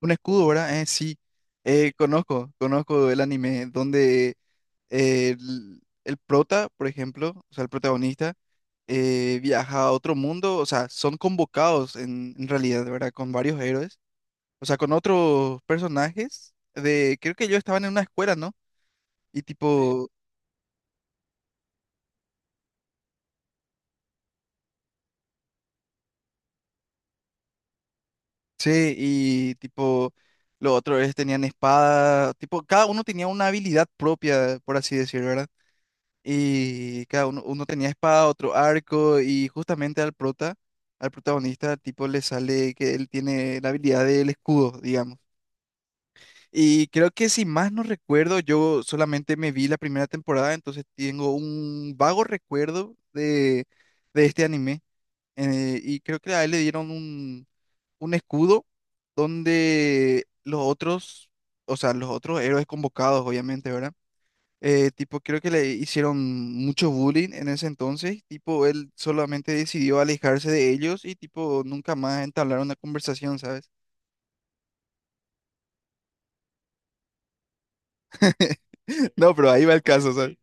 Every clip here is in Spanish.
Un escudo, ¿verdad? Sí. Conozco el anime donde el prota, por ejemplo, o sea, el protagonista, viaja a otro mundo, o sea, son convocados en realidad, ¿verdad? Con varios héroes, o sea, con otros personajes de, creo que ellos estaban en una escuela, ¿no? Y sí, tipo, sí, y tipo, los otros héroes tenían espada, tipo, cada uno tenía una habilidad propia, por así decirlo, ¿verdad? Y cada uno, uno tenía espada, otro arco, y justamente al prota, al protagonista, tipo, le sale que él tiene la habilidad del escudo, digamos. Y creo que si más no recuerdo, yo solamente me vi la primera temporada, entonces tengo un vago recuerdo de este anime. Y creo que a él le dieron un escudo donde los otros, o sea, los otros héroes convocados, obviamente, ¿verdad? Tipo, creo que le hicieron mucho bullying en ese entonces. Tipo, él solamente decidió alejarse de ellos y, tipo, nunca más entablar una conversación, ¿sabes? No, pero ahí va el caso, ¿sabes?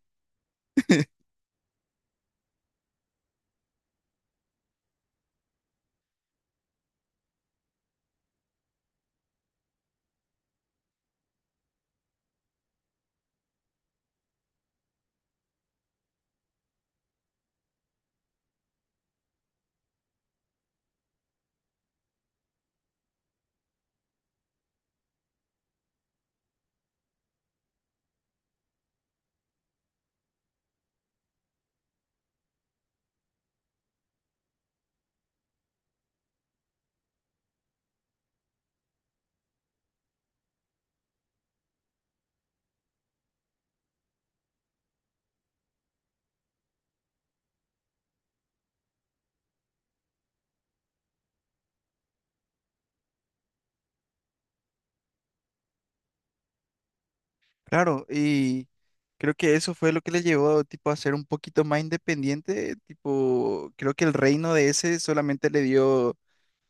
Claro, y creo que eso fue lo que le llevó, tipo, a ser un poquito más independiente. Tipo, creo que el reino de ese solamente le dio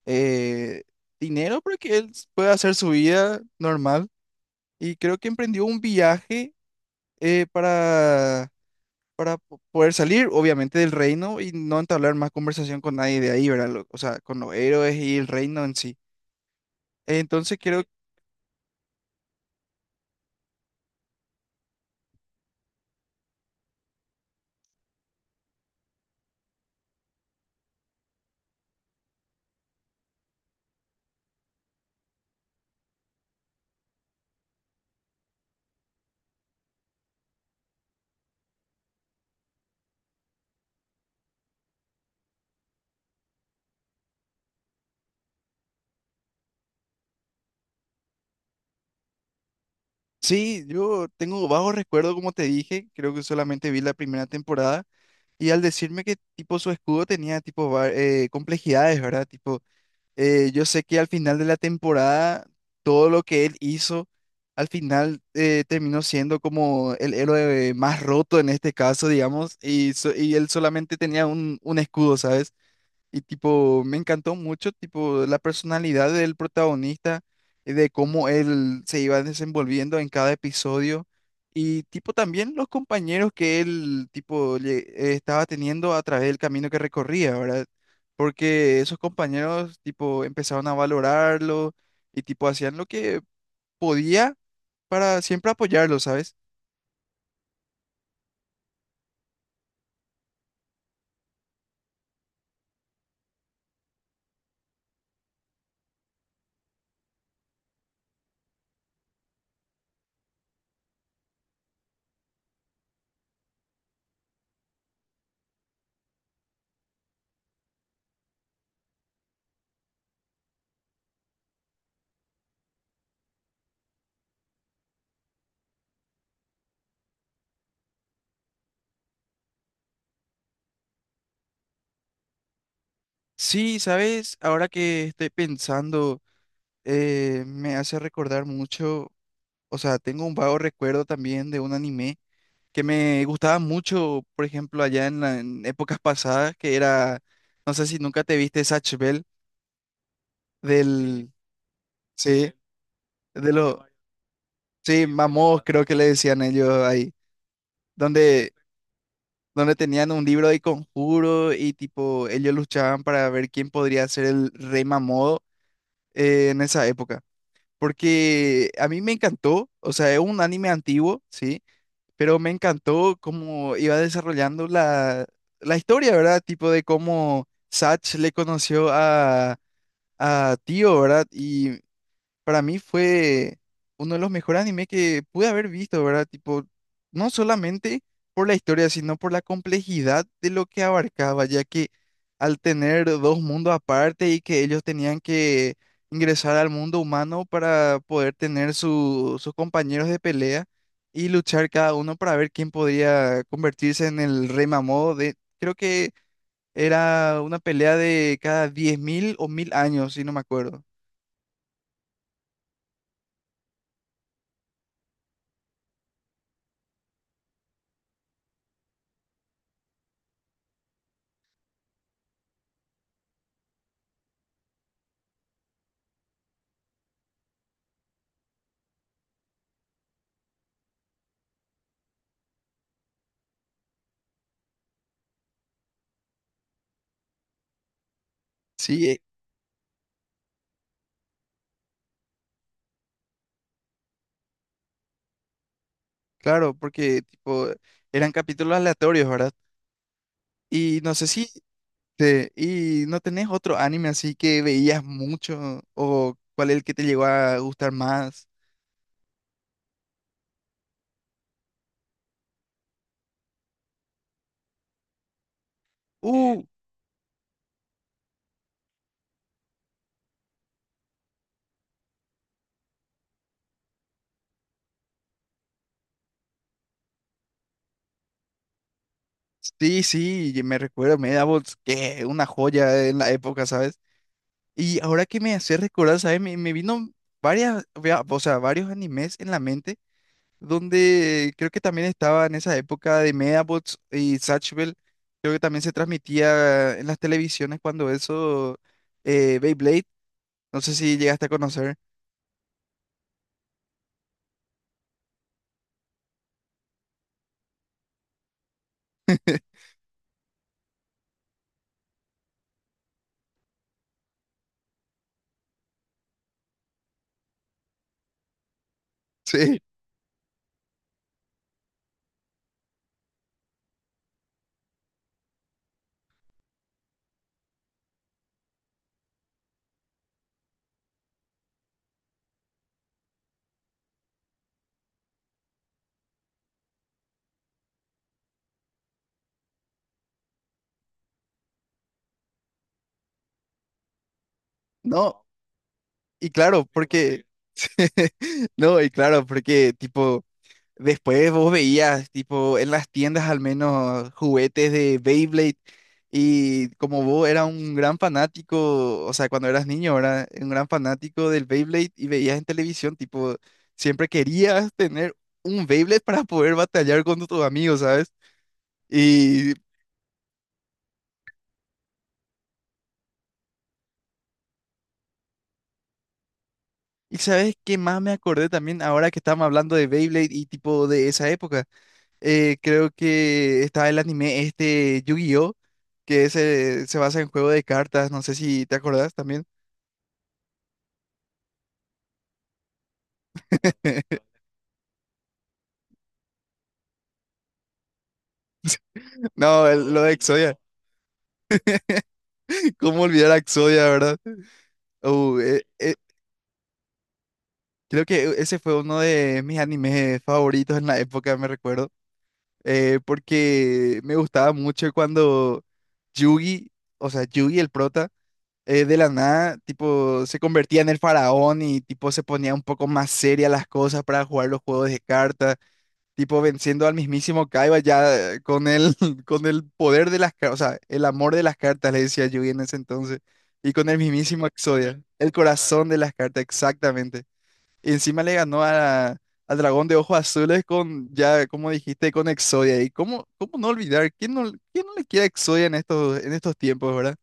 eh, dinero para que él pueda hacer su vida normal. Y creo que emprendió un viaje para poder salir, obviamente, del reino y no entablar más conversación con nadie de ahí, ¿verdad? O sea, con los héroes y el reino en sí. Entonces creo, que sí, yo tengo bajo recuerdo, como te dije, creo que solamente vi la primera temporada y al decirme que tipo su escudo tenía tipo complejidades, ¿verdad? Tipo, yo sé que al final de la temporada, todo lo que él hizo... Al final terminó siendo como el héroe más roto en este caso, digamos, y, y él solamente tenía un escudo, ¿sabes? Y tipo, me encantó mucho, tipo, la personalidad del protagonista, de cómo él se iba desenvolviendo en cada episodio. Y tipo, también los compañeros que él, tipo, estaba teniendo a través del camino que recorría, ¿verdad? Porque esos compañeros, tipo, empezaron a valorarlo y, tipo, hacían lo que podía para siempre apoyarlo, ¿sabes? Sí, ¿sabes? Ahora que estoy pensando, me hace recordar mucho. O sea, tengo un vago recuerdo también de un anime que me gustaba mucho, por ejemplo, allá en, en épocas pasadas, que era, no sé si nunca te viste Zatch Bell del, sí, de los, sí, Mamos creo que le decían ellos ahí, donde, donde tenían un libro de conjuro y tipo, ellos luchaban para ver quién podría ser el rey Mamodo en esa época. Porque a mí me encantó, o sea, es un anime antiguo, sí, pero me encantó cómo iba desarrollando la, la historia, ¿verdad? Tipo de cómo Satch le conoció a Tío, ¿verdad? Y para mí fue uno de los mejores animes que pude haber visto, ¿verdad? Tipo, no solamente por la historia, sino por la complejidad de lo que abarcaba, ya que al tener dos mundos aparte y que ellos tenían que ingresar al mundo humano para poder tener sus compañeros de pelea y luchar cada uno para ver quién podría convertirse en el rey Mamodo de, creo que era una pelea de cada 10.000 o 1.000 años, si no me acuerdo. Sí, claro, porque tipo eran capítulos aleatorios, ¿verdad? Y no sé si te, y no tenés otro anime así que veías mucho o cuál es el que te llegó a gustar más. Uh, sí, sí, y me recuerdo Medabots, que una joya en la época, ¿sabes? Y ahora que me hace recordar, ¿sabes? Me vino varias, o sea, varios animes en la mente donde creo que también estaba en esa época de Medabots y Satchel, creo que también se transmitía en las televisiones cuando eso, Beyblade, no sé si llegaste a conocer. Sí, no, y claro, porque, no, y claro, porque tipo... Después vos veías, tipo, en las tiendas al menos juguetes de Beyblade y como vos eras un gran fanático, o sea, cuando eras niño, era un gran fanático del Beyblade y veías en televisión, tipo, siempre querías tener un Beyblade para poder batallar con tus amigos, ¿sabes? Y, y ¿sabes qué más me acordé también ahora que estamos hablando de Beyblade y tipo de esa época? Creo que está el anime este Yu-Gi-Oh! Que se basa en juego de cartas. No sé si te acordás también. No, lo de Exodia. ¿Cómo olvidar a Exodia, verdad? Uh, eh, eh, creo que ese fue uno de mis animes favoritos en la época, me recuerdo. Porque me gustaba mucho cuando Yugi, o sea, Yugi el prota, de la nada, tipo, se convertía en el faraón y tipo se ponía un poco más seria las cosas para jugar los juegos de cartas. Tipo venciendo al mismísimo Kaiba ya con el, con el poder de las cartas, o sea, el amor de las cartas, le decía Yui en ese entonces, y con el mismísimo Exodia, el ah, corazón de las cartas, exactamente. Y encima le ganó a, al dragón de ojos azules con, ya como dijiste, con Exodia. ¿Y cómo, cómo no olvidar? Quién no le queda Exodia en estos tiempos, verdad?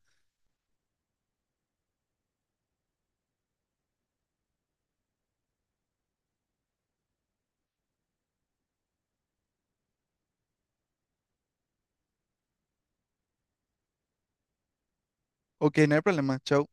Ok, no hay problema, chao.